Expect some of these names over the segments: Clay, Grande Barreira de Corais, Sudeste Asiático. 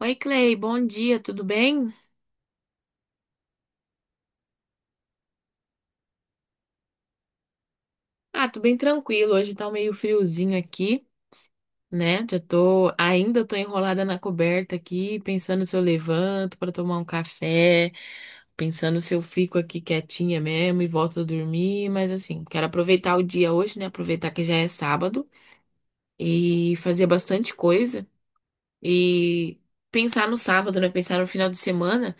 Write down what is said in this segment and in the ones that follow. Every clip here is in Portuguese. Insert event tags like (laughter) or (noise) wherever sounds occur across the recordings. Oi, Clay, bom dia, tudo bem? Ah, tô bem tranquilo. Hoje tá um meio friozinho aqui, né? Ainda tô enrolada na coberta aqui, pensando se eu levanto pra tomar um café, pensando se eu fico aqui quietinha mesmo e volto a dormir, mas assim, quero aproveitar o dia hoje, né? Aproveitar que já é sábado e fazer bastante coisa e pensar no sábado, né? Pensar no final de semana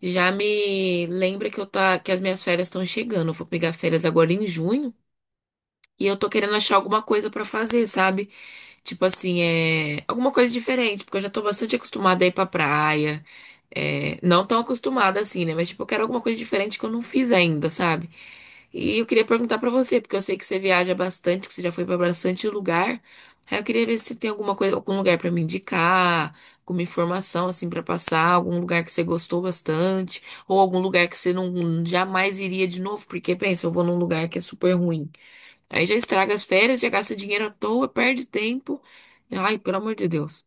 já me lembra que eu tá, que as minhas férias estão chegando. Eu vou pegar férias agora em junho. E eu tô querendo achar alguma coisa pra fazer, sabe? Tipo assim, é alguma coisa diferente, porque eu já tô bastante acostumada a ir pra praia. É, não tão acostumada assim, né? Mas tipo, eu quero alguma coisa diferente que eu não fiz ainda, sabe? E eu queria perguntar pra você, porque eu sei que você viaja bastante, que você já foi pra bastante lugar. Aí eu queria ver se tem alguma coisa, algum lugar pra me indicar, alguma informação assim pra passar, algum lugar que você gostou bastante, ou algum lugar que você não jamais iria de novo, porque pensa, eu vou num lugar que é super ruim. Aí já estraga as férias, já gasta dinheiro à toa, perde tempo. Ai, pelo amor de Deus.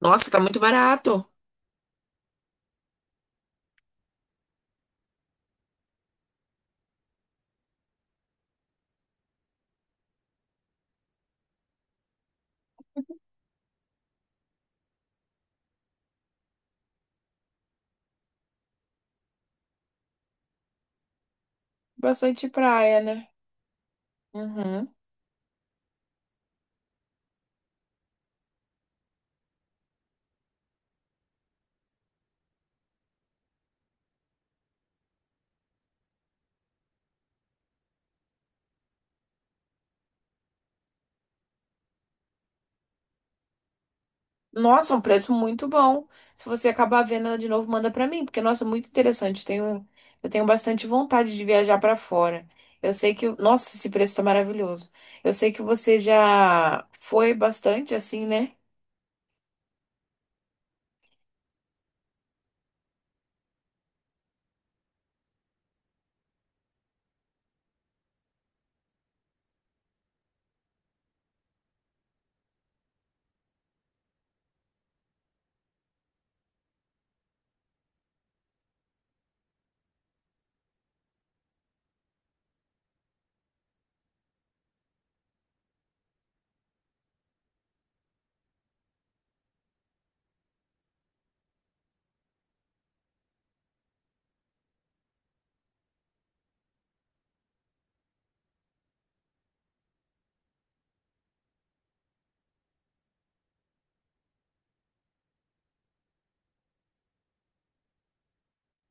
Nossa, tá muito barato. Bastante praia, né? Uhum. Nossa, um preço muito bom. Se você acabar vendo ela de novo, manda pra mim, porque, nossa, muito interessante. Eu tenho bastante vontade de viajar pra fora. Eu sei que, nossa, esse preço tá maravilhoso. Eu sei que você já foi bastante assim, né?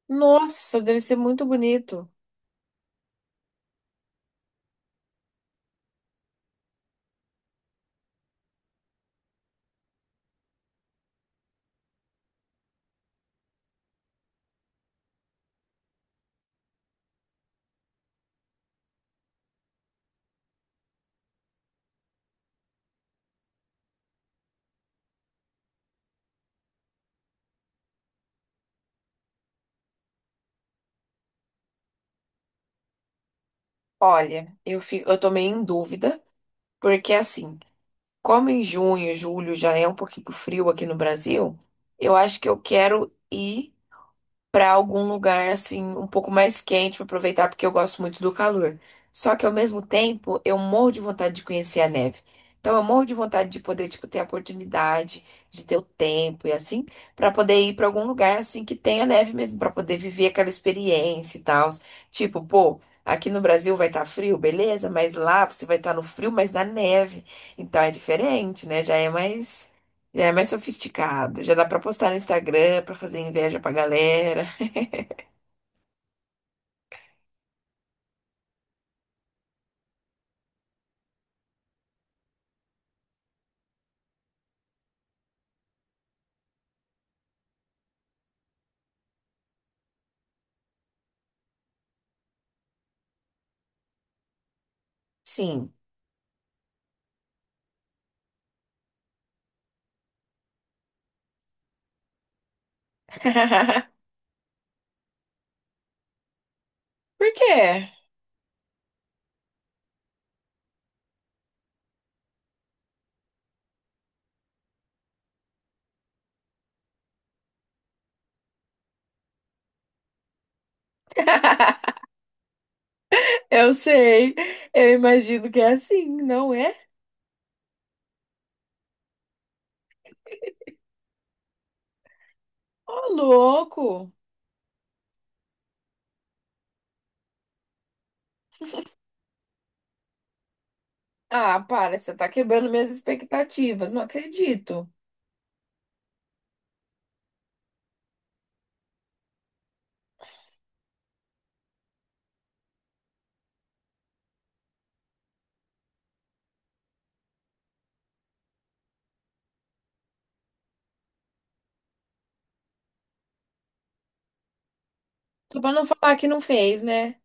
Nossa, deve ser muito bonito. Olha, eu tô meio em dúvida, porque assim. Como em junho, julho já é um pouquinho frio aqui no Brasil, eu acho que eu quero ir para algum lugar assim um pouco mais quente para aproveitar porque eu gosto muito do calor. Só que ao mesmo tempo eu morro de vontade de conhecer a neve. Então eu morro de vontade de poder tipo ter a oportunidade de ter o tempo e assim para poder ir para algum lugar assim que tenha neve mesmo para poder viver aquela experiência e tal. Tipo, pô, aqui no Brasil vai estar frio, beleza, mas lá você vai estar no frio, mas na neve. Então é diferente, né? Já é mais sofisticado, já dá pra postar no Instagram, pra fazer inveja pra galera. Sim. (laughs) Por quê? (laughs) Eu sei. Eu imagino que é assim, não é? Ô, louco! Ah, para, você tá quebrando minhas expectativas, não acredito. Só pra não falar que não fez, né?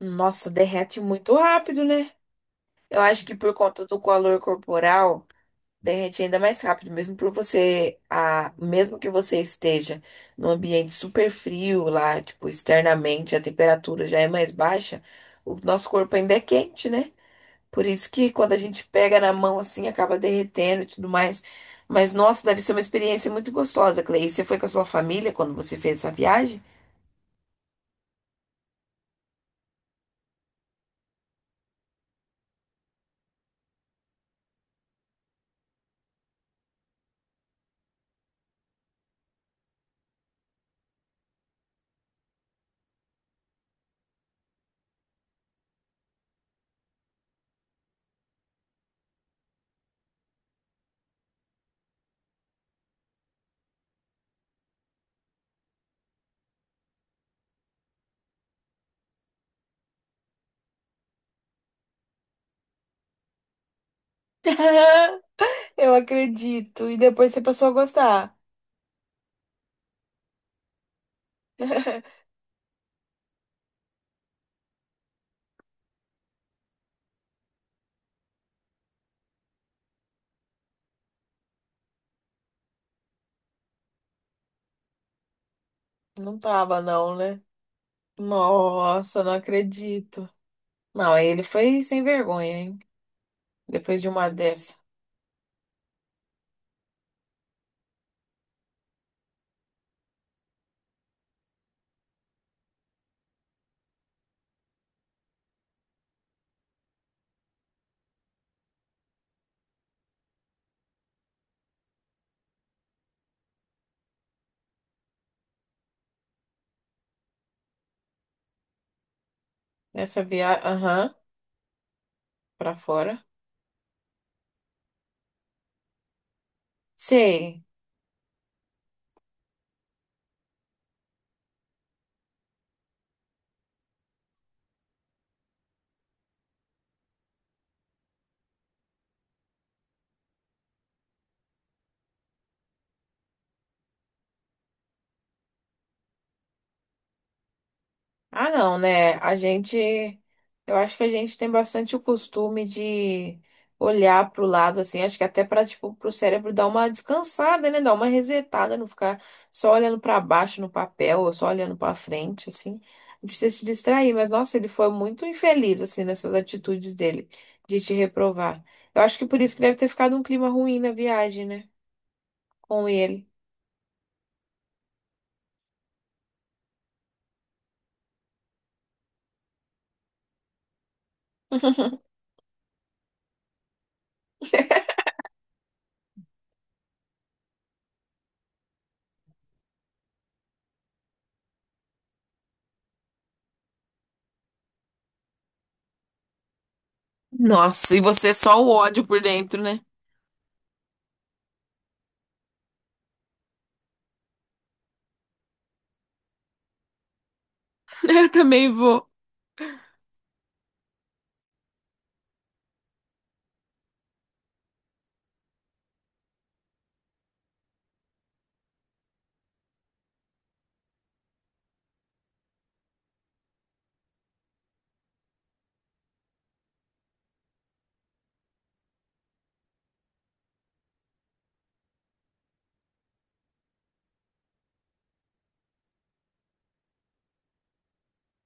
Nossa, derrete muito rápido, né? Eu acho que por conta do calor corporal. Derrete ainda mais rápido, mesmo para você, mesmo que você esteja num ambiente super frio lá, tipo, externamente a temperatura já é mais baixa, o nosso corpo ainda é quente, né? Por isso que quando a gente pega na mão assim, acaba derretendo e tudo mais. Mas nossa, deve ser uma experiência muito gostosa, Clay. E você foi com a sua família quando você fez essa viagem? (laughs) Eu acredito. E depois você passou a gostar. (laughs) Não tava, não, né? Nossa, não acredito. Não, aí ele foi sem vergonha, hein? Depois de uma dessa. Nessa viagem, aham, pra fora. Sei. Ah, não, né? A gente, eu acho que a gente tem bastante o costume de olhar pro lado assim, acho que até para tipo pro cérebro dar uma descansada, né? Dar uma resetada, não ficar só olhando para baixo no papel ou só olhando para frente assim. Não precisa se distrair, mas nossa, ele foi muito infeliz assim nessas atitudes dele de te reprovar. Eu acho que por isso que deve ter ficado um clima ruim na viagem, né? Com ele. (laughs) Nossa, e você só o ódio por dentro, né? (laughs) Eu também vou.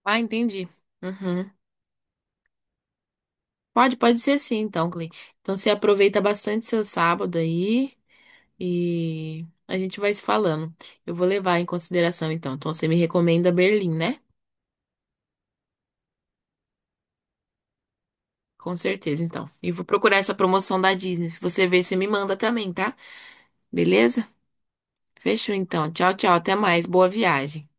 Ah, entendi. Uhum. Pode ser sim, então, Clay. Então você aproveita bastante seu sábado aí e a gente vai se falando. Eu vou levar em consideração, então. Então você me recomenda Berlim, né? Com certeza, então. E vou procurar essa promoção da Disney. Se você ver, você me manda também, tá? Beleza? Fechou, então. Tchau, tchau. Até mais. Boa viagem.